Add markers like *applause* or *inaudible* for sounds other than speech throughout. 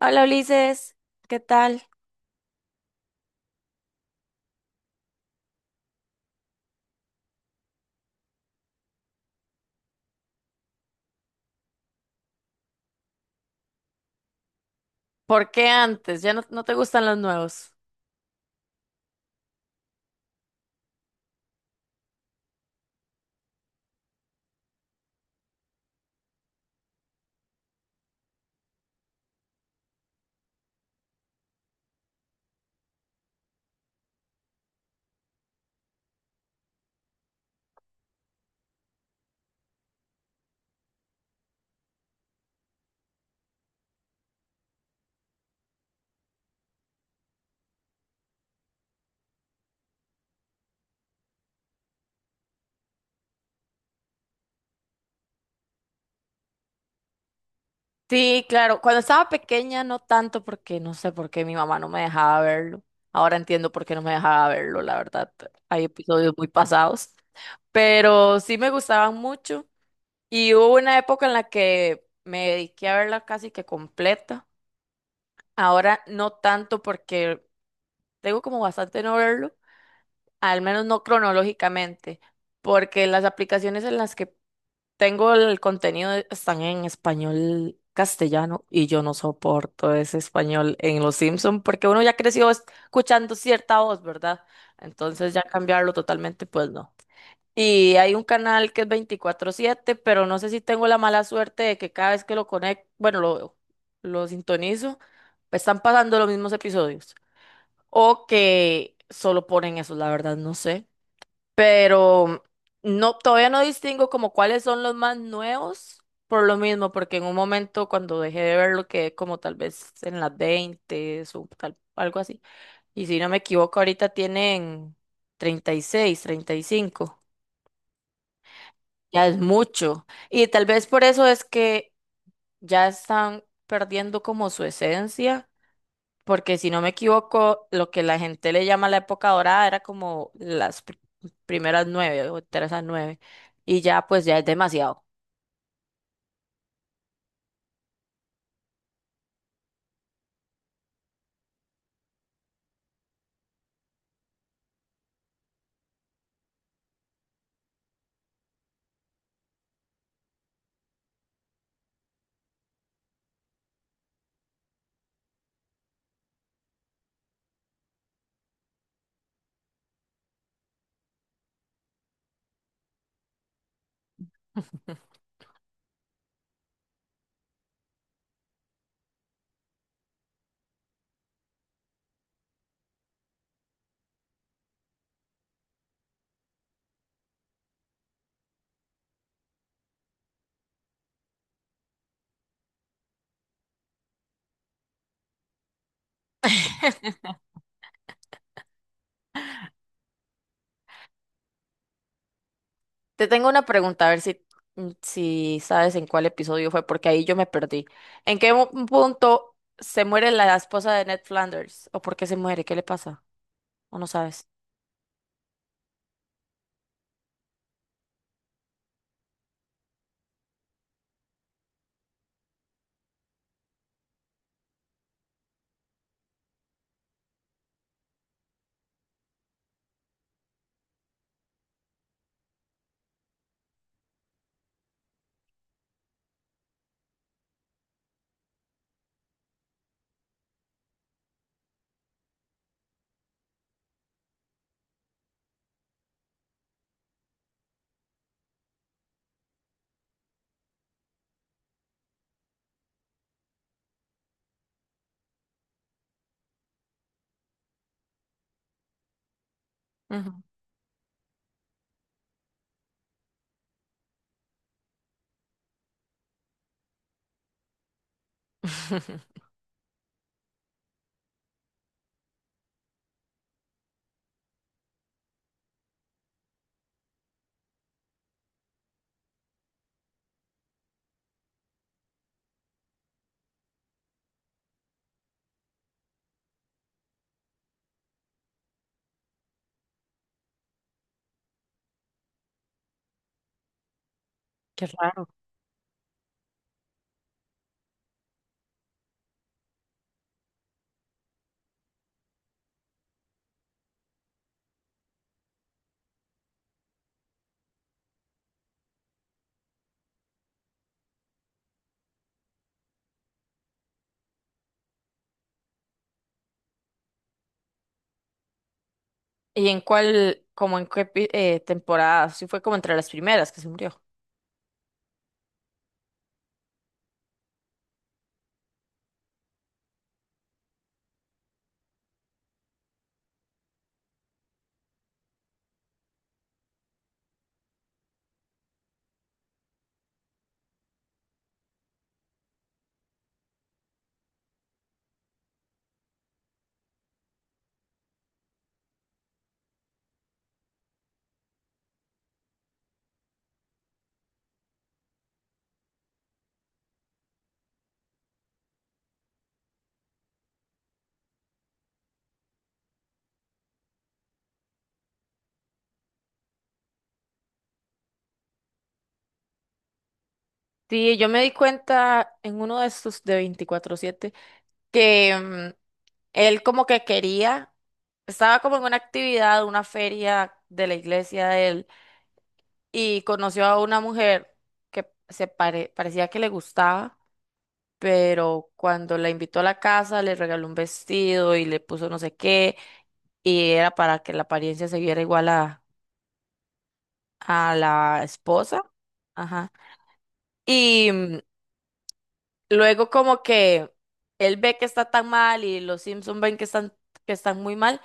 Hola Ulises, ¿qué tal? ¿Por qué antes? ¿Ya no, no te gustan los nuevos? Sí, claro, cuando estaba pequeña no tanto porque no sé por qué mi mamá no me dejaba verlo. Ahora entiendo por qué no me dejaba verlo, la verdad. Hay episodios muy pasados, pero sí me gustaban mucho y hubo una época en la que me dediqué a verla casi que completa. Ahora no tanto porque tengo como bastante no verlo, al menos no cronológicamente, porque las aplicaciones en las que tengo el contenido, están en español castellano y yo no soporto ese español en Los Simpson porque uno ya creció escuchando cierta voz, ¿verdad? Entonces ya cambiarlo totalmente, pues no. Y hay un canal que es 24/7, pero no sé si tengo la mala suerte de que cada vez que lo conecto, bueno, lo sintonizo, están pasando los mismos episodios o que solo ponen eso, la verdad, no sé, pero no, todavía no distingo como cuáles son los más nuevos, por lo mismo, porque en un momento cuando dejé de verlo quedé como tal vez en las 20 o tal, algo así. Y si no me equivoco, ahorita tienen 30, 36, 35 Ya es mucho. Y tal vez por eso es que ya están perdiendo como su esencia, porque si no me equivoco, lo que la gente le llama la época dorada era como las primeras nueve o terceras nueve. Y ya, pues ya es demasiado. *laughs* Te tengo una pregunta, a ver si, si sabes en cuál episodio fue, porque ahí yo me perdí. ¿En qué punto se muere la esposa de Ned Flanders? ¿O por qué se muere? ¿Qué le pasa? ¿O no sabes? Ujú. *laughs* Qué raro. ¿Y en cuál, como en qué temporada? Si fue como entre las primeras que se murió. Sí, yo me di cuenta en uno de estos de 24/7 que él como que quería, estaba como en una actividad, una feria de la iglesia de él y conoció a una mujer que se parecía que le gustaba, pero cuando la invitó a la casa le regaló un vestido y le puso no sé qué y era para que la apariencia se viera igual a la esposa. Ajá. y mm, Luego como que él ve que está tan mal y los Simpson ven que están, muy mal,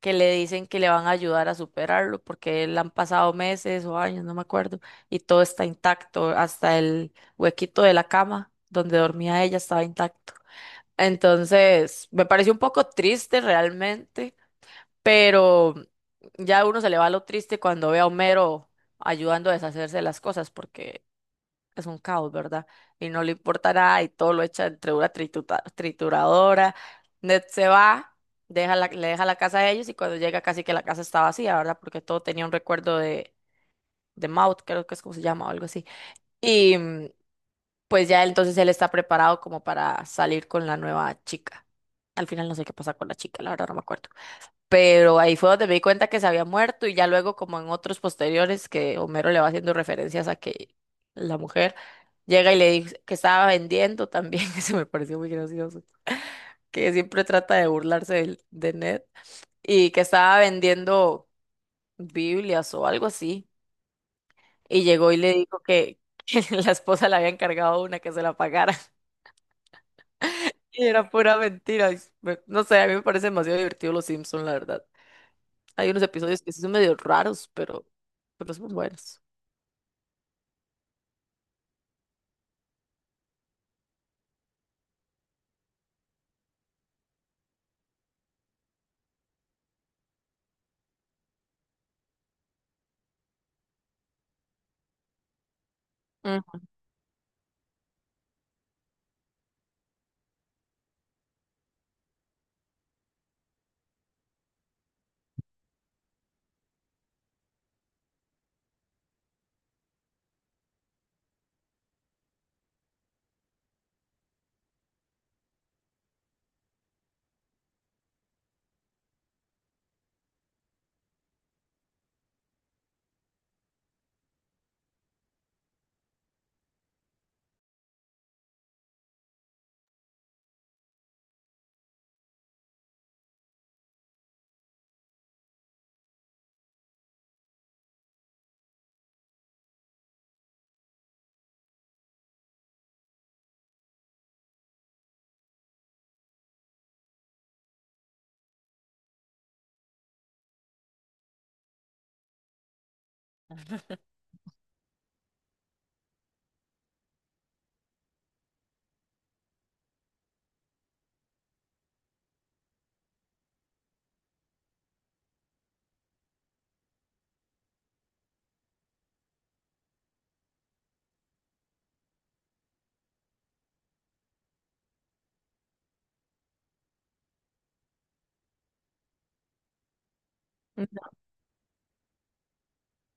que le dicen que le van a ayudar a superarlo porque le han pasado meses o años, no me acuerdo, y todo está intacto, hasta el huequito de la cama donde dormía ella estaba intacto. Entonces, me pareció un poco triste realmente, pero ya uno se le va lo triste cuando ve a Homero ayudando a deshacerse de las cosas porque es un caos, ¿verdad? Y no le importa nada y todo lo echa entre una trituradora. Ned se va, le deja la casa a ellos y cuando llega casi que la casa está vacía, ¿verdad? Porque todo tenía un recuerdo de, Maud, creo que es como se llama o algo así. Y mm, pues ya entonces él está preparado como para salir con la nueva chica. Al final no sé qué pasa con la chica, la verdad no me acuerdo, pero ahí fue donde me di cuenta que se había muerto y ya luego como en otros posteriores que Homero le va haciendo referencias a que la mujer llega y le dice que estaba vendiendo también, *laughs* eso me pareció muy gracioso, que siempre trata de burlarse Ned y que estaba vendiendo Biblias o algo así y llegó y le dijo que, *laughs* que la esposa le había encargado una que se la pagara. *laughs* Y era pura mentira, no sé, a mí me parece demasiado divertido Los Simpson, la verdad. Hay unos episodios que sí son medio raros, pero son buenos. Mm.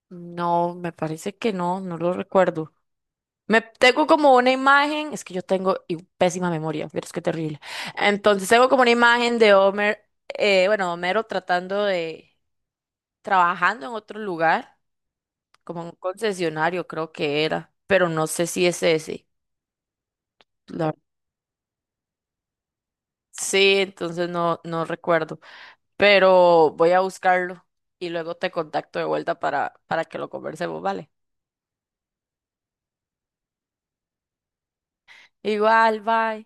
No, me parece que no, no lo recuerdo. Me tengo como una imagen, es que yo tengo pésima memoria, pero es que terrible. Entonces tengo como una imagen de Homer, bueno, Homero tratando de, trabajando en otro lugar, como en un concesionario creo que era, pero no sé si es ese. la- sí, entonces no, no recuerdo. Pero voy a buscarlo y luego te contacto de vuelta para que lo conversemos, ¿vale? Igual, bye.